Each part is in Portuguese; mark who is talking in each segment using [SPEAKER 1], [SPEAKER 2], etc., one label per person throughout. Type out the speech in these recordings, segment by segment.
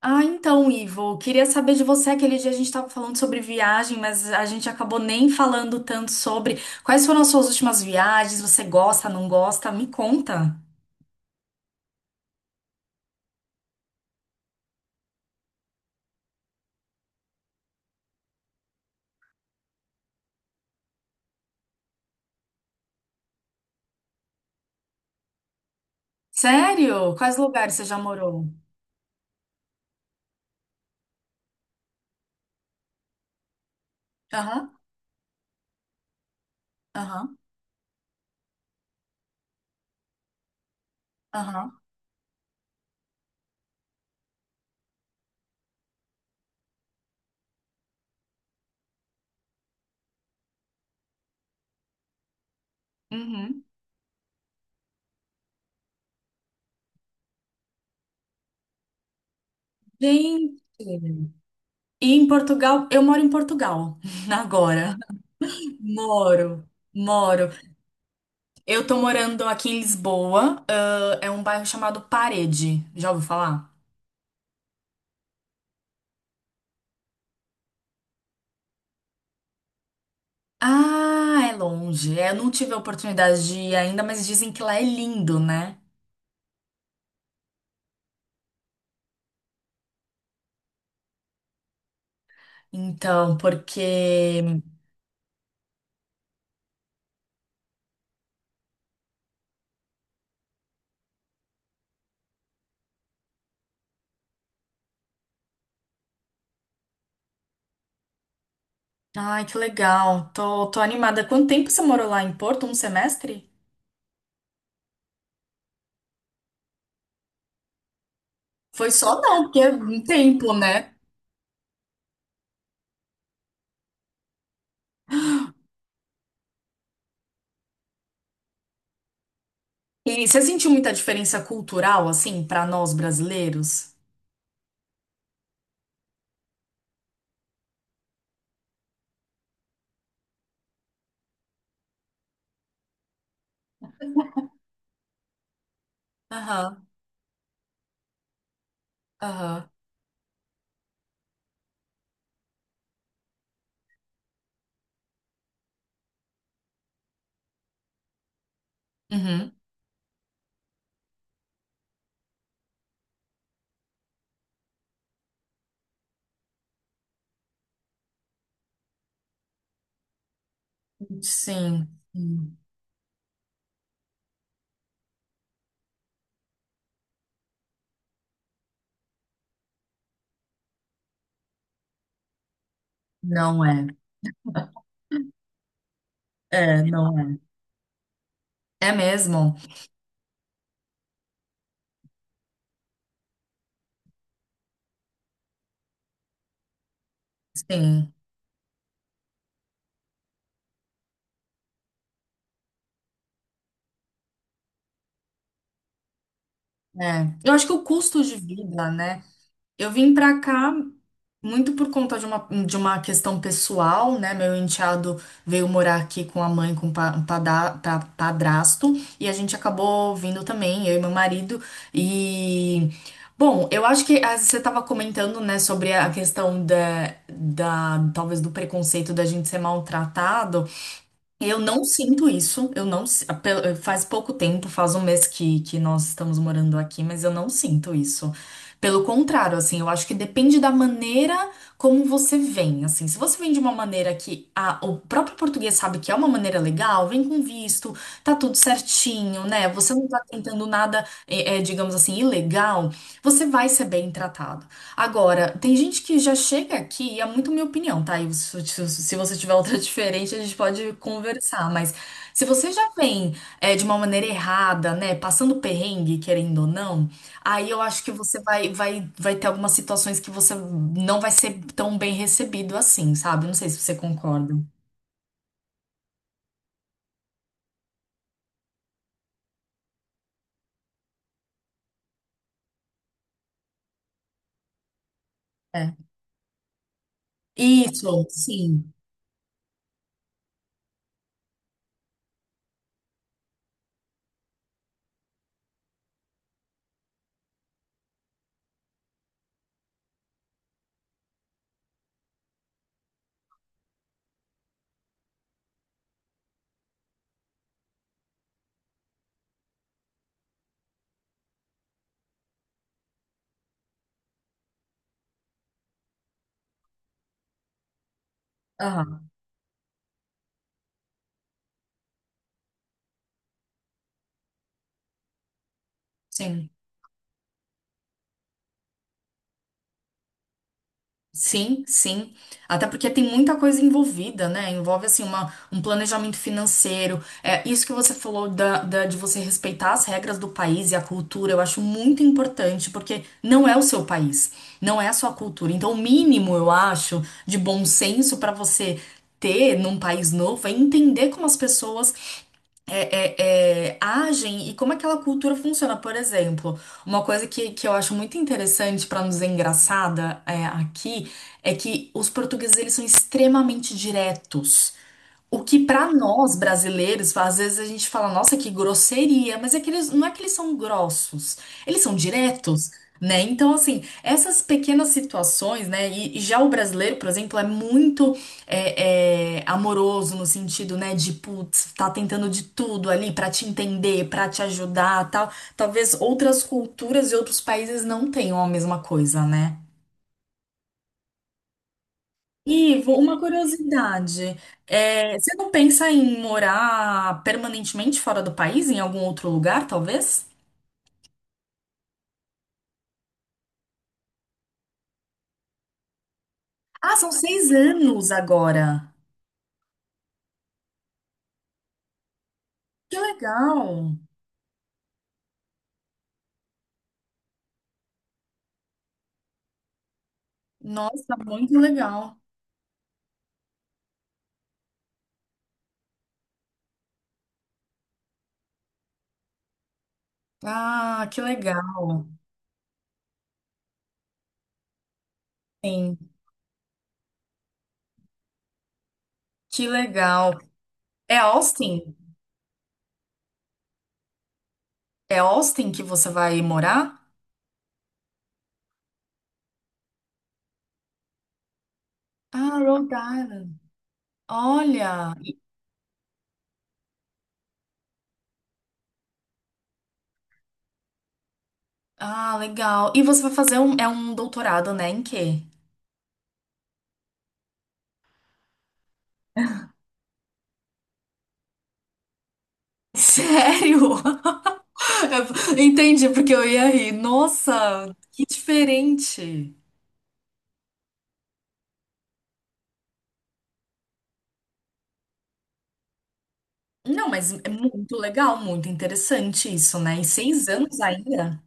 [SPEAKER 1] Ah, então, Ivo, queria saber de você. Aquele dia a gente estava falando sobre viagem, mas a gente acabou nem falando tanto sobre quais foram as suas últimas viagens. Você gosta, não gosta? Me conta. Sério? Quais lugares você já morou? Aham, aham, aham. Uhum. Gente. E em Portugal, eu moro em Portugal agora. Moro, moro. Eu tô morando aqui em Lisboa, é um bairro chamado Parede. Já ouviu falar? Ah, é longe. É, eu não tive a oportunidade de ir ainda, mas dizem que lá é lindo, né? Então, porque. Ai, que legal. Tô animada. Quanto tempo você morou lá em Porto? Um semestre? Foi só não, porque é um tempo, né? E você sentiu muita diferença cultural, assim, pra nós brasileiros? Aham, aham. Uhum. Sim. Sim. Não é. É, não é. É mesmo? Sim. É. Eu acho que o custo de vida, né? Eu vim pra cá muito por conta de uma questão pessoal, né? Meu enteado veio morar aqui com a mãe, com o padrasto, e a gente acabou vindo também, eu e meu marido. E, bom, eu acho que você estava comentando, né, sobre a questão talvez do preconceito da gente ser maltratado. Eu não sinto isso, eu não, si- pe- faz pouco tempo, faz um mês que nós estamos morando aqui, mas eu não sinto isso. Pelo contrário, assim, eu acho que depende da maneira como você vem, assim, se você vem de uma maneira que o próprio português sabe que é uma maneira legal, vem com visto, tá tudo certinho, né? Você não tá tentando nada, digamos assim, ilegal, você vai ser bem tratado. Agora, tem gente que já chega aqui, e é muito minha opinião, tá? E você tiver outra diferente, a gente pode conversar. Mas se você já vem de uma maneira errada, né? Passando perrengue, querendo ou não, aí eu acho que você vai ter algumas situações que você não vai ser tão bem recebido assim, sabe? Não sei se você concorda. É. Isso, sim. Aham, sim. Sim, sim. Até porque tem muita coisa envolvida, né? Envolve, assim, uma, um planejamento financeiro. É, isso que você falou de você respeitar as regras do país e a cultura, eu acho muito importante, porque não é o seu país, não é a sua cultura. Então, o mínimo, eu acho, de bom senso para você ter num país novo é entender como as pessoas é, é, agem e como aquela cultura funciona. Por exemplo, uma coisa que eu acho muito interessante para nos engraçada aqui é que os portugueses eles são extremamente diretos. O que para nós brasileiros, às vezes a gente fala, nossa, que grosseria, mas é que eles, não é que eles são grossos, eles são diretos, né? Então, assim, essas pequenas situações, né? E já o brasileiro, por exemplo, é muito amoroso no sentido, né, de putz, tá tentando de tudo ali para te entender, para te ajudar, tal. Talvez outras culturas e outros países não tenham a mesma coisa, né? Ivo, uma curiosidade. É, você não pensa em morar permanentemente fora do país, em algum outro lugar, talvez? Ah, são 6 anos agora. Que legal! Nossa, muito legal. Ah, que legal. Sim, que legal. É Austin? É Austin que você vai morar? Ah, Rhode Island. Olha. Ah, legal. E você vai fazer um, é um doutorado, né? Em quê? Sério? Entendi, porque eu ia rir. Nossa, que diferente. Não, mas é muito legal, muito interessante isso, né? Em seis anos ainda?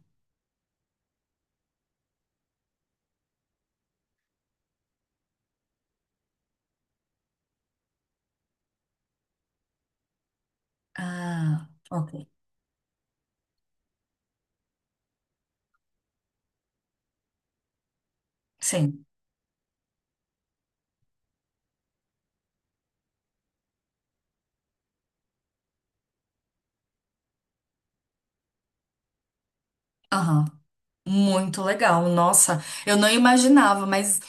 [SPEAKER 1] Ah, ok. Sim. Aham. Muito legal, nossa, eu não imaginava, mas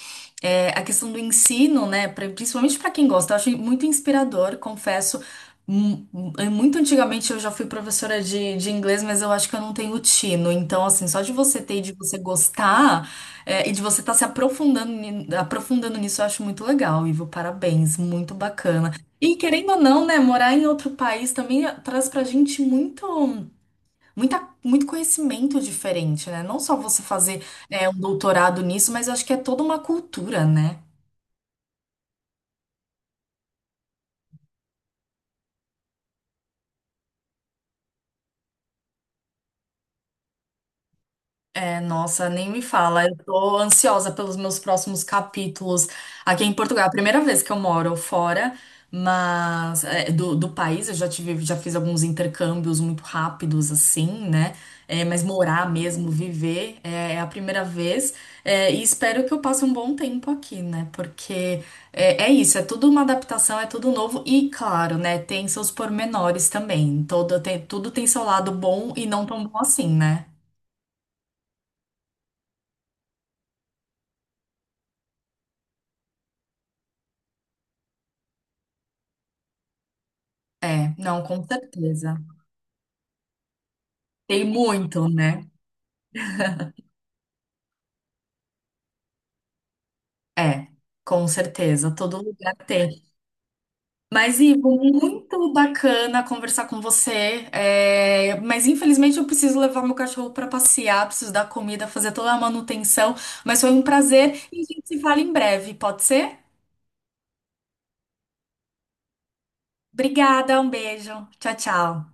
[SPEAKER 1] é, a questão do ensino, né, principalmente para quem gosta, eu acho muito inspirador, confesso. Mu- Muito antigamente eu já fui professora de inglês, mas eu acho que eu não tenho tino. Então, assim, só de você ter e de você gostar, é, e de você estar se aprofundando, aprofundando nisso, eu acho muito legal, Ivo. Parabéns, muito bacana. E querendo ou não, né, morar em outro país também traz pra gente muito conhecimento diferente, né? Não só você fazer, é, um doutorado nisso, mas eu acho que é toda uma cultura, né? É, nossa, nem me fala. Eu tô ansiosa pelos meus próximos capítulos aqui em Portugal. É a primeira vez que eu moro fora, mas é, do país eu já tive, já fiz alguns intercâmbios muito rápidos, assim, né? É, mas morar mesmo, viver, é a primeira vez. É, e espero que eu passe um bom tempo aqui, né? Porque é isso, é tudo uma adaptação, é tudo novo e, claro, né? Tem seus pormenores também. Tudo tem seu lado bom e não tão bom assim, né? É, não, com certeza. Tem muito, né? É, com certeza, todo lugar tem. Mas, Ivo, muito bacana conversar com você. É, mas, infelizmente, eu preciso levar meu cachorro para passear, preciso dar comida, fazer toda a manutenção. Mas foi um prazer e a gente se fala em breve, pode ser? Obrigada, um beijo. Tchau, tchau.